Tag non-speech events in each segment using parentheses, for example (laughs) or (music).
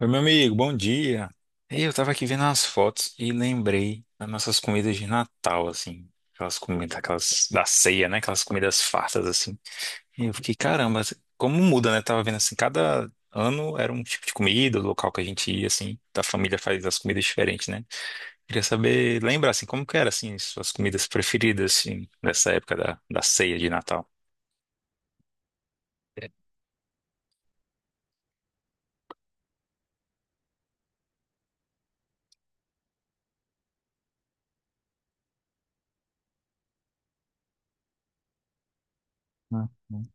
Oi, meu amigo, bom dia. Ei, eu tava aqui vendo as fotos e lembrei das nossas comidas de Natal, assim. Aquelas comidas, aquelas da ceia, né? Aquelas comidas fartas, assim. E eu fiquei, caramba, assim, como muda, né? Tava vendo assim, cada ano era um tipo de comida, o local que a gente ia, assim. Da família faz as comidas diferentes, né? Queria saber, lembrar, assim, como que era, assim, suas comidas preferidas, assim, nessa época da ceia de Natal. É, hum.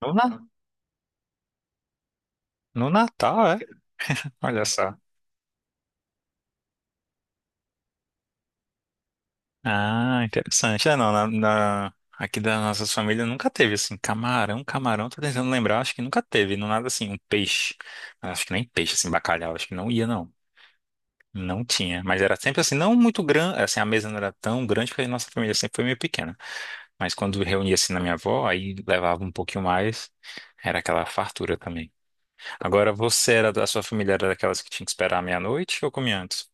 No, na- no Natal, é? Olha só. Ah, interessante. É, não, aqui da nossa família nunca teve, assim, camarão, camarão, tô tentando lembrar, acho que nunca teve, não nada assim, um peixe. Acho que nem peixe, assim, bacalhau, acho que não ia, não. Não tinha, mas era sempre assim, não muito grande, assim, a mesa não era tão grande porque a nossa família sempre foi meio pequena. Mas quando reunia assim na minha avó, aí levava um pouquinho mais, era aquela fartura também. Agora você era, a sua família era daquelas que tinha que esperar a meia-noite ou comia antes?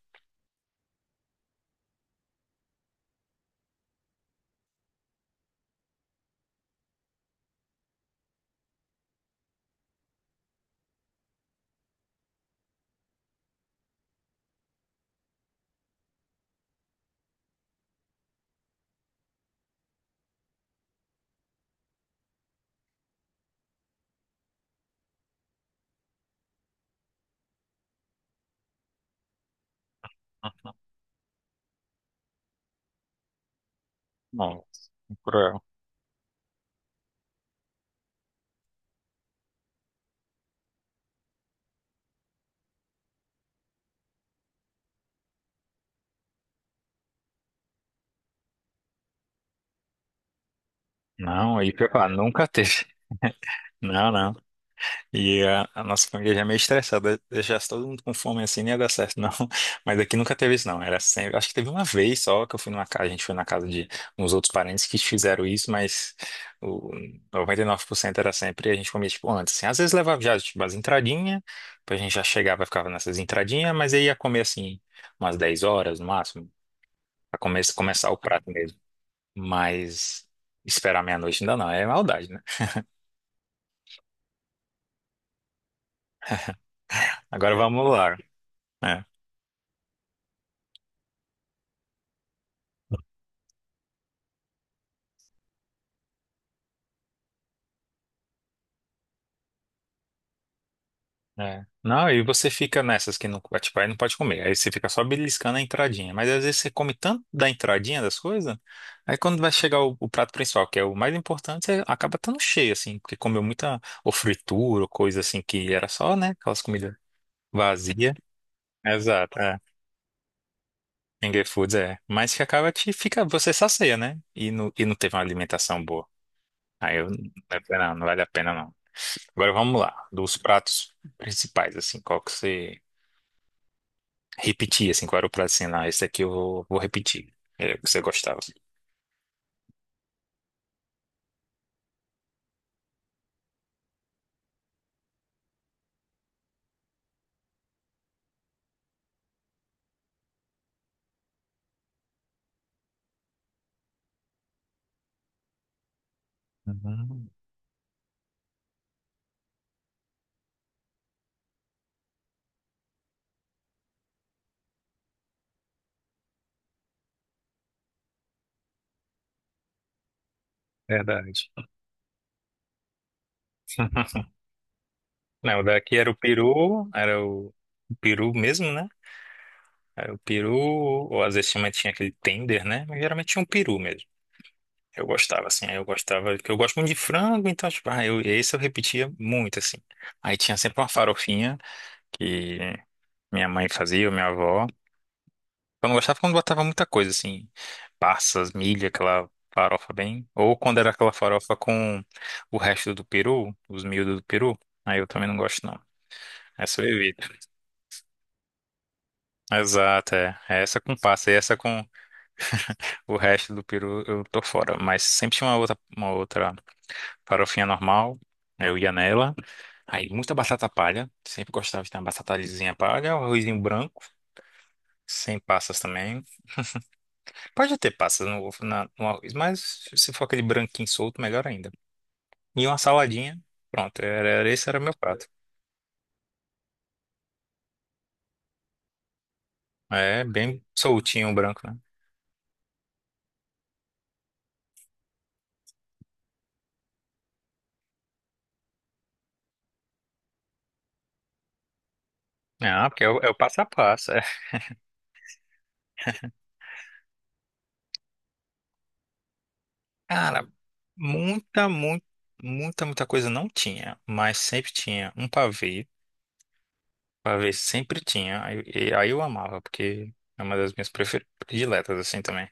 Uhum. Nossa, cruel. Não, aí, pra nunca teve. Não, não. E a nossa família já é meio estressada, deixasse todo mundo com fome assim, não ia dar certo, não. (laughs) Mas aqui nunca teve isso, não. Era sempre. Acho que teve uma vez só que eu fui numa casa, a gente foi na casa de uns outros parentes que fizeram isso, mas o 99% era sempre a gente comia tipo antes. Assim. Às vezes levava já tipo, as entradinhas, depois a gente já chegava e ficava nessas entradinhas, mas aí ia comer assim umas 10 horas no máximo, pra começar o prato mesmo. Mas esperar meia-noite ainda não, é maldade, né? Agora vamos lá. É, É. Não, e você fica nessas que não, é, tipo, aí não pode comer. Aí você fica só beliscando a entradinha. Mas às vezes você come tanto da entradinha das coisas, aí quando vai chegar o prato principal, que é o mais importante, você acaba estando cheio, assim, porque comeu muita ou fritura, ou coisa assim que era só, né? Aquelas comidas vazias. Exato, é. Finger foods, é. Mas que acaba te fica, você sacia, né? E não teve uma alimentação boa. Aí eu, não, não vale a pena, não. Agora vamos lá, dos pratos principais, assim, qual que você repetir, assim, qual era o prato assim, não, esse aqui eu vou, repetir. É, você gostava. Uhum, verdade. (laughs) Não, o daqui era o peru, era o peru mesmo, né? Era o peru, ou às vezes tinha aquele tender, né? Mas geralmente tinha um peru mesmo. Eu gostava, assim, aí eu gostava, porque eu gosto muito de frango, então, tipo, ah, eu, esse eu repetia muito, assim. Aí tinha sempre uma farofinha que minha mãe fazia, ou minha avó. Eu não gostava quando botava muita coisa, assim, passas, milho, aquela farofa bem. Ou quando era aquela farofa com o resto do peru, os miúdos do peru. Aí eu também não gosto, não. Essa eu evito. Exato, é. É, essa com passa e essa com o resto do peru eu tô fora. Mas sempre tinha uma outra, farofinha normal. Aí eu ia nela. Aí muita batata palha. Sempre gostava de ter uma batatazinha palha, um arrozinho branco, sem passas também. Pode ter passas no arroz, mas se for aquele branquinho solto, melhor ainda. E uma saladinha, pronto, era, era- esse era meu prato. É, bem soltinho o branco, né? Ah, porque é o passo a passo. É. Cara, muita, muita, muita, muita coisa não tinha, mas sempre tinha um pavê. Pavê sempre tinha, aí, aí eu amava, porque é uma das minhas prediletas, assim, também.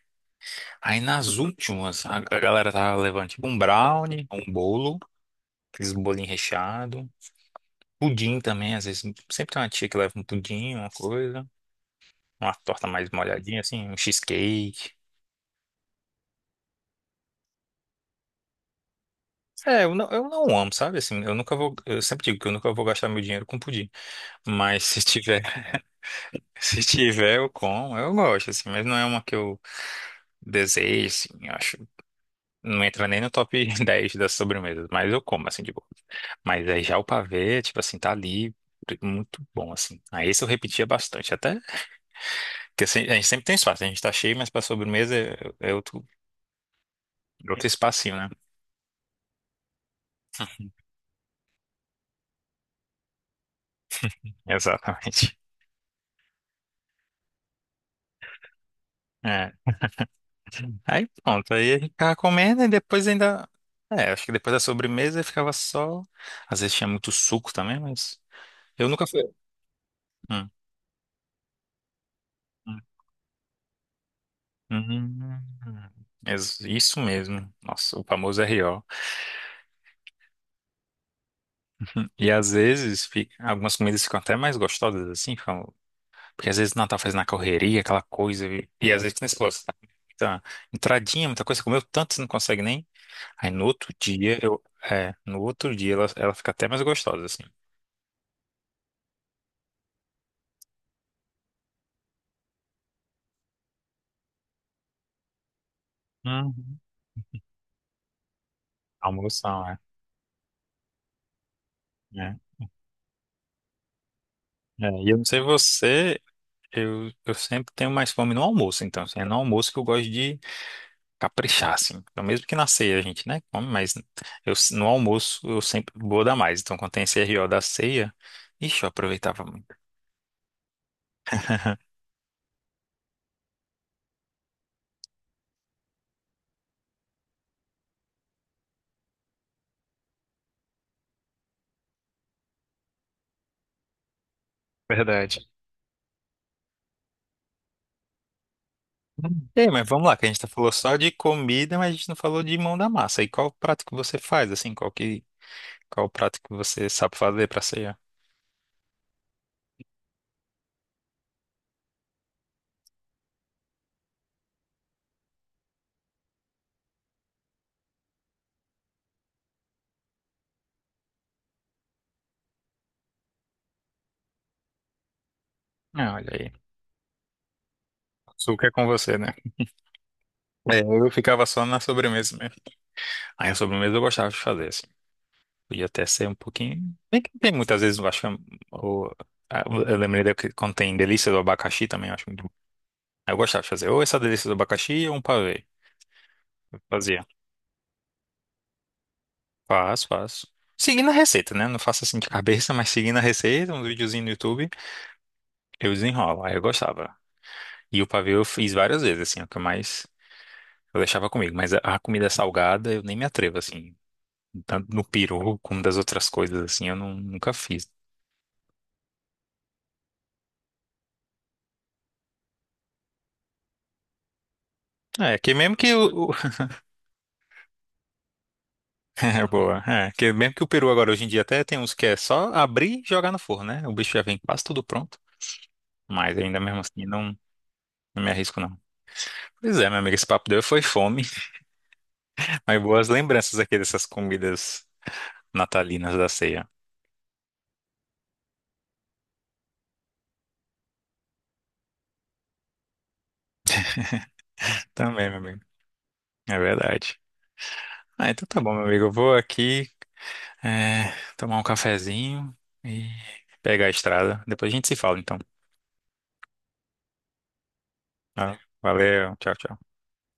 Aí nas últimas, a galera tava levando tipo um brownie, um bolo, aqueles bolinhos recheados. Pudim também, às vezes. Sempre tem uma tia que leva um pudim, uma coisa. Uma torta mais molhadinha, assim, um cheesecake. É, eu não amo, sabe? Assim, eu nunca vou. Eu sempre digo que eu nunca vou gastar meu dinheiro com pudim. Mas se tiver, (laughs) se tiver, eu como. Eu gosto, assim, mas não é uma que eu desejo, assim, eu acho. Não entra nem no top (laughs) 10 das sobremesas, mas eu como, assim, de boa. Mas aí já o pavê, tipo assim, tá ali. Muito bom, assim. Aí esse eu repetia bastante. Até que assim, a gente sempre tem espaço, a gente tá cheio, mas pra sobremesa eu. Outro espacinho, né? Exatamente. É. Aí pronto, aí a gente ficava comendo e depois ainda. É, acho que depois da sobremesa ficava só. Às vezes tinha muito suco também, mas. Eu nunca fui. Hum, hum, hum, hum. Ex- Isso mesmo. Nossa, o famoso R.O. Algumas comidas ficam até mais gostosas assim, ficam. Porque às vezes não tá fazendo na correria, aquela coisa. E às vezes, como você falou, você tá com muita entradinha, muita coisa. Você comeu tanto, você não consegue nem. Aí no outro dia, no outro dia ela fica até mais gostosa, assim. Uhum. Almoção, é. É, é. E eu não sei você, eu sempre tenho mais fome no almoço, então, assim, é no almoço que eu gosto de caprichar, assim. Então, mesmo que na ceia a gente, né, come, mas eu, no almoço eu sempre vou dar mais. Então, quando tem esse R.O. da ceia, ixi, eu aproveitava muito. (laughs) Verdade. É, mas vamos lá, que a gente tá falou só de comida, mas a gente não falou de mão da massa. E qual prato que você faz, assim? Qual prato que você sabe fazer pra ceia? Ah, olha aí. Açúcar é com você, né? É, eu ficava só na sobremesa mesmo. Aí a sobremesa eu gostava de fazer, assim. Podia até ser um pouquinho. Bem que tem muitas vezes, eu acho que, o- ah, eu lembrei da que quando tem delícia do abacaxi também, eu acho muito bom. Aí eu gostava de fazer ou essa delícia do abacaxi ou um pavê. Eu fazia. Faço, faço. Seguindo a receita, né? Não faço assim de cabeça, mas seguindo a receita, um videozinho no YouTube, eu desenrolo. Aí eu gostava. E o pavê eu fiz várias vezes, assim, é o que eu mais eu deixava comigo. Mas a comida salgada eu nem me atrevo, assim. Tanto no peru como das outras coisas, assim, eu nunca fiz. É, que mesmo que o. o- (laughs) É, boa. É, que mesmo que o peru agora hoje em dia até tem uns que é só abrir e jogar no forno, né? O bicho já vem quase tudo pronto. Mas ainda mesmo assim, não, não me arrisco, não. Pois é, meu amigo, esse papo deu foi fome. Aí boas lembranças aqui dessas comidas natalinas da ceia. Também, meu amigo. É verdade. Ah, então tá bom, meu amigo. Eu vou aqui é, tomar um cafezinho e pegar a estrada. Depois a gente se fala, então. Tá? Valeu, tchau, tchau.